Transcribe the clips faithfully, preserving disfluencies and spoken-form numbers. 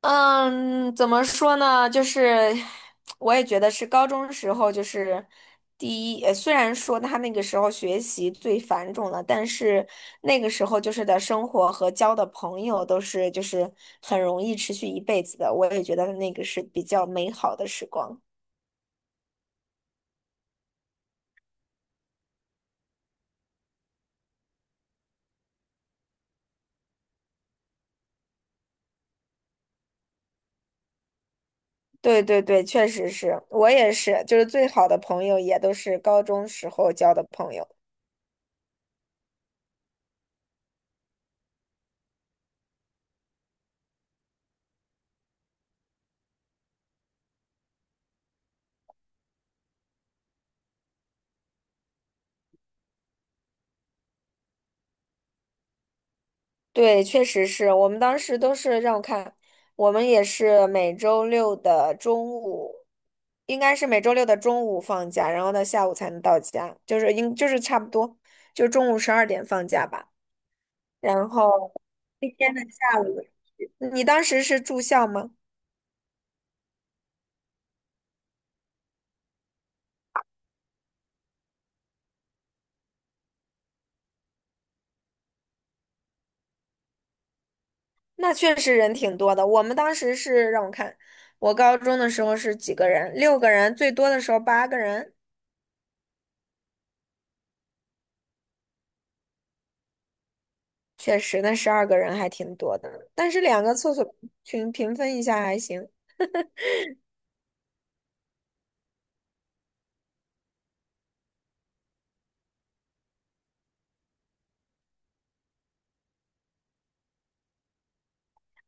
嗯，怎么说呢？就是我也觉得是高中时候，就是第一，呃虽然说他那个时候学习最繁重了，但是那个时候就是的生活和交的朋友都是就是很容易持续一辈子的。我也觉得那个是比较美好的时光。对对对，确实是我也是，就是最好的朋友也都是高中时候交的朋友。对，确实是我们当时都是让我看，我们也是每周六的中午，应该是每周六的中午放假，然后到下午才能到家，就是应就是差不多，就中午十二点放假吧。然后那天的下午，你当时是住校吗？那确实人挺多的。我们当时是让我看，我高中的时候是几个人，六个人，最多的时候八个人，确实那十二个人还挺多的，但是两个厕所。群平分一下还行。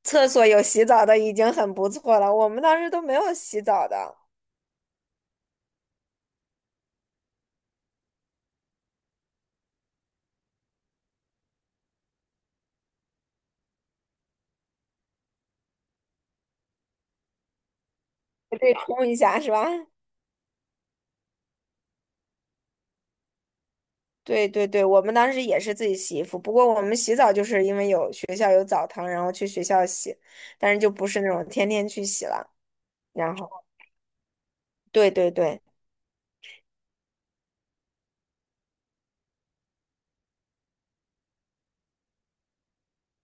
厕所有洗澡的已经很不错了，我们当时都没有洗澡的，我得冲一下是吧？对对对，我们当时也是自己洗衣服，不过我们洗澡就是因为有学校有澡堂，然后去学校洗，但是就不是那种天天去洗了。然后，对对对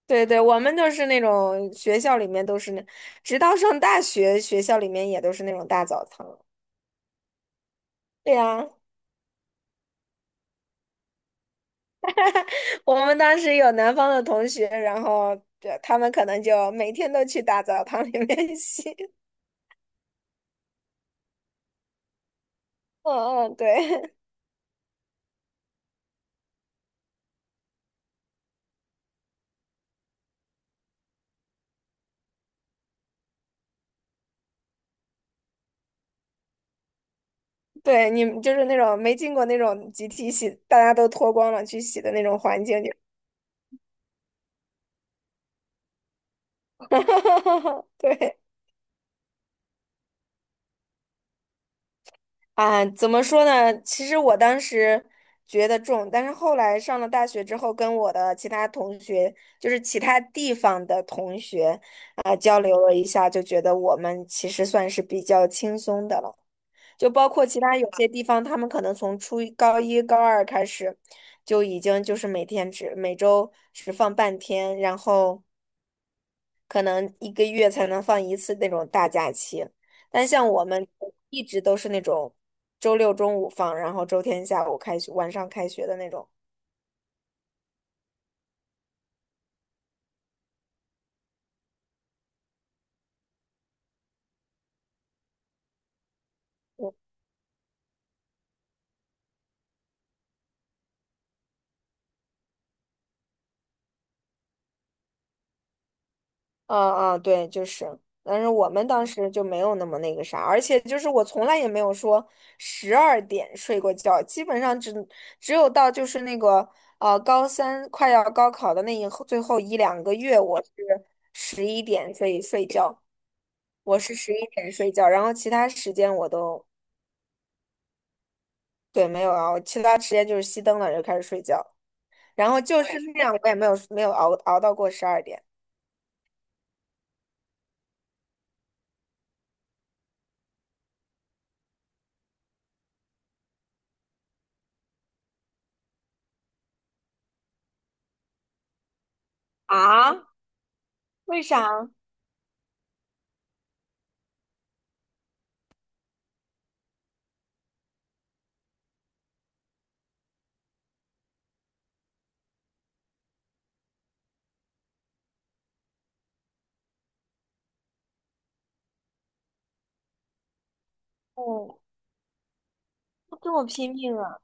对对，我们就是那种学校里面都是那，直到上大学，学校里面也都是那种大澡堂。对呀，我们当时有南方的同学，然后对他们可能就每天都去大澡堂里面 洗。嗯嗯，对 对，你们就是那种没进过那种集体洗，大家都脱光了去洗的那种环境就，对啊，怎么说呢？其实我当时觉得重，但是后来上了大学之后，跟我的其他同学，就是其他地方的同学，啊、交流了一下，就觉得我们其实算是比较轻松的了。就包括其他有些地方，他们可能从初一、高一、高二开始，就已经就是每天只每周只放半天，然后可能一个月才能放一次那种大假期。但像我们一直都是那种周六中午放，然后周天下午开学，晚上开学的那种。嗯嗯，对，就是，但是我们当时就没有那么那个啥，而且就是我从来也没有说十二点睡过觉，基本上只只有到就是那个呃高三快要高考的那一后最后一两个月，我是十一点睡睡觉，我是十一点睡觉，然后其他时间我都对没有熬，其他时间就是熄灯了就开始睡觉，然后就是那样，我也没有没有熬熬到过十二点。啊？为啥？哦，这么拼命啊！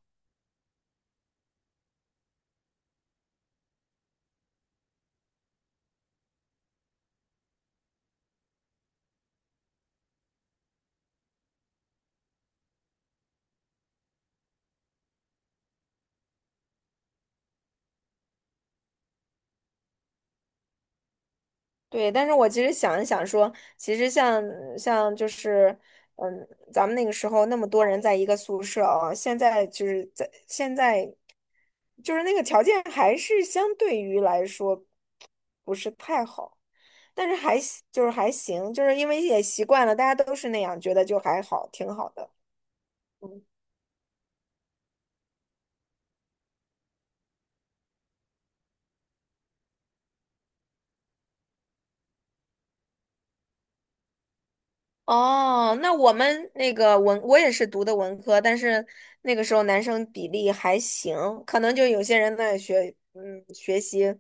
对，但是我其实想一想说，其实像像就是，嗯，咱们那个时候那么多人在一个宿舍啊，现在就是在现在，就是那个条件还是相对于来说不是太好，但是还行就是还行，就是因为也习惯了，大家都是那样，觉得就还好，挺好的。哦，那我们那个文，我也是读的文科，但是那个时候男生比例还行，可能就有些人在学，嗯，学习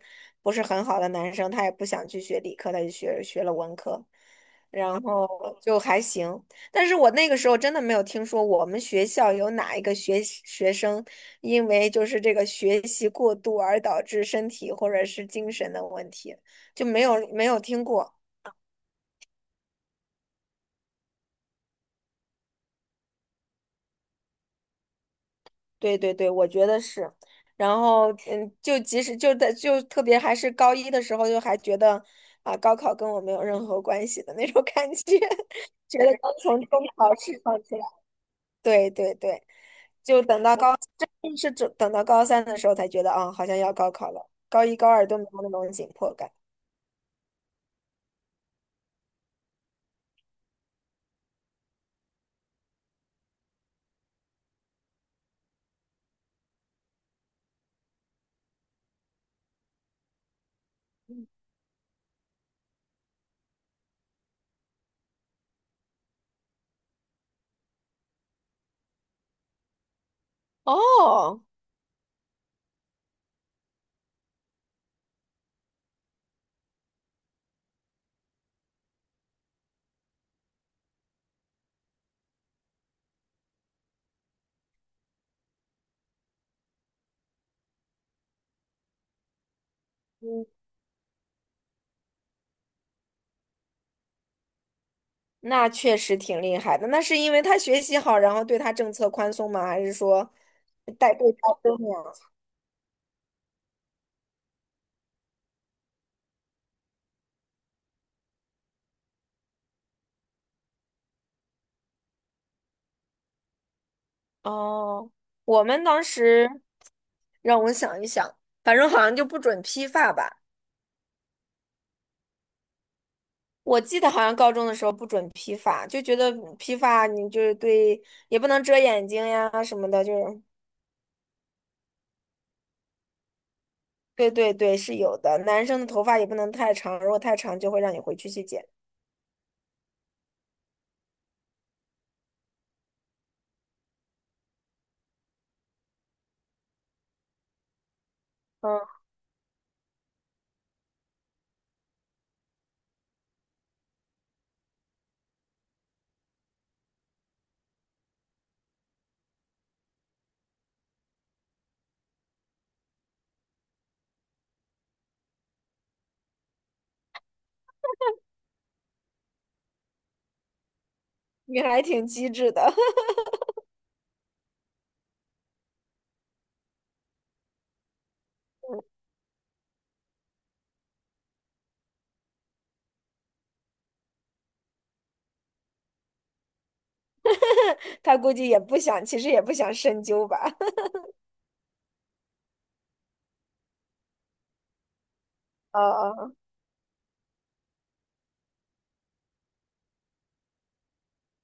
不是很好的男生，他也不想去学理科，他就学学了文科，然后就还行。但是我那个时候真的没有听说我们学校有哪一个学学生因为就是这个学习过度而导致身体或者是精神的问题，就没有没有听过。对对对，我觉得是。然后，嗯，就即使就在就特别还是高一的时候，就还觉得啊，高考跟我没有任何关系的那种感觉，觉得刚从中考释放出来。对对对，就等到高，真是等等到高三的时候才觉得啊，好像要高考了。高一、高二都没有那种紧迫感。哦，那确实挺厉害的。那是因为他学习好，然后对他政策宽松吗？还是说代购高增呀？哦，我们当时让我想一想，反正好像就不准批发吧。我记得好像高中的时候不准批发，就觉得批发你就是对，也不能遮眼睛呀什么的，就是对对对是有的。男生的头发也不能太长，如果太长就会让你回去去剪。嗯，你还挺机智的。他估计也不想，其实也不想深究吧。啊啊，啊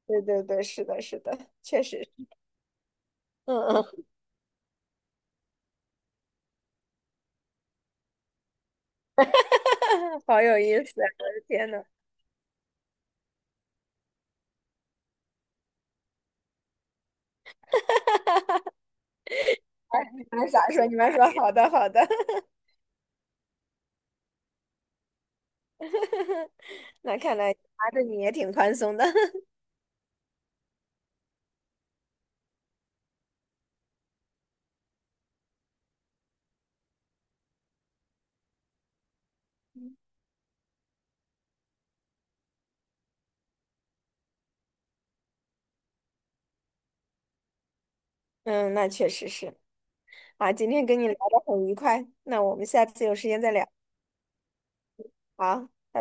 对对对，是的，是的，确实是，嗯嗯，好有意思啊，我的天呐 哎，你们咋说？你们说好的，好的，那看来拿着你也挺宽松的，嗯，那确实是啊，今天跟你聊得很愉快，那我们下次有时间再聊，好，拜拜。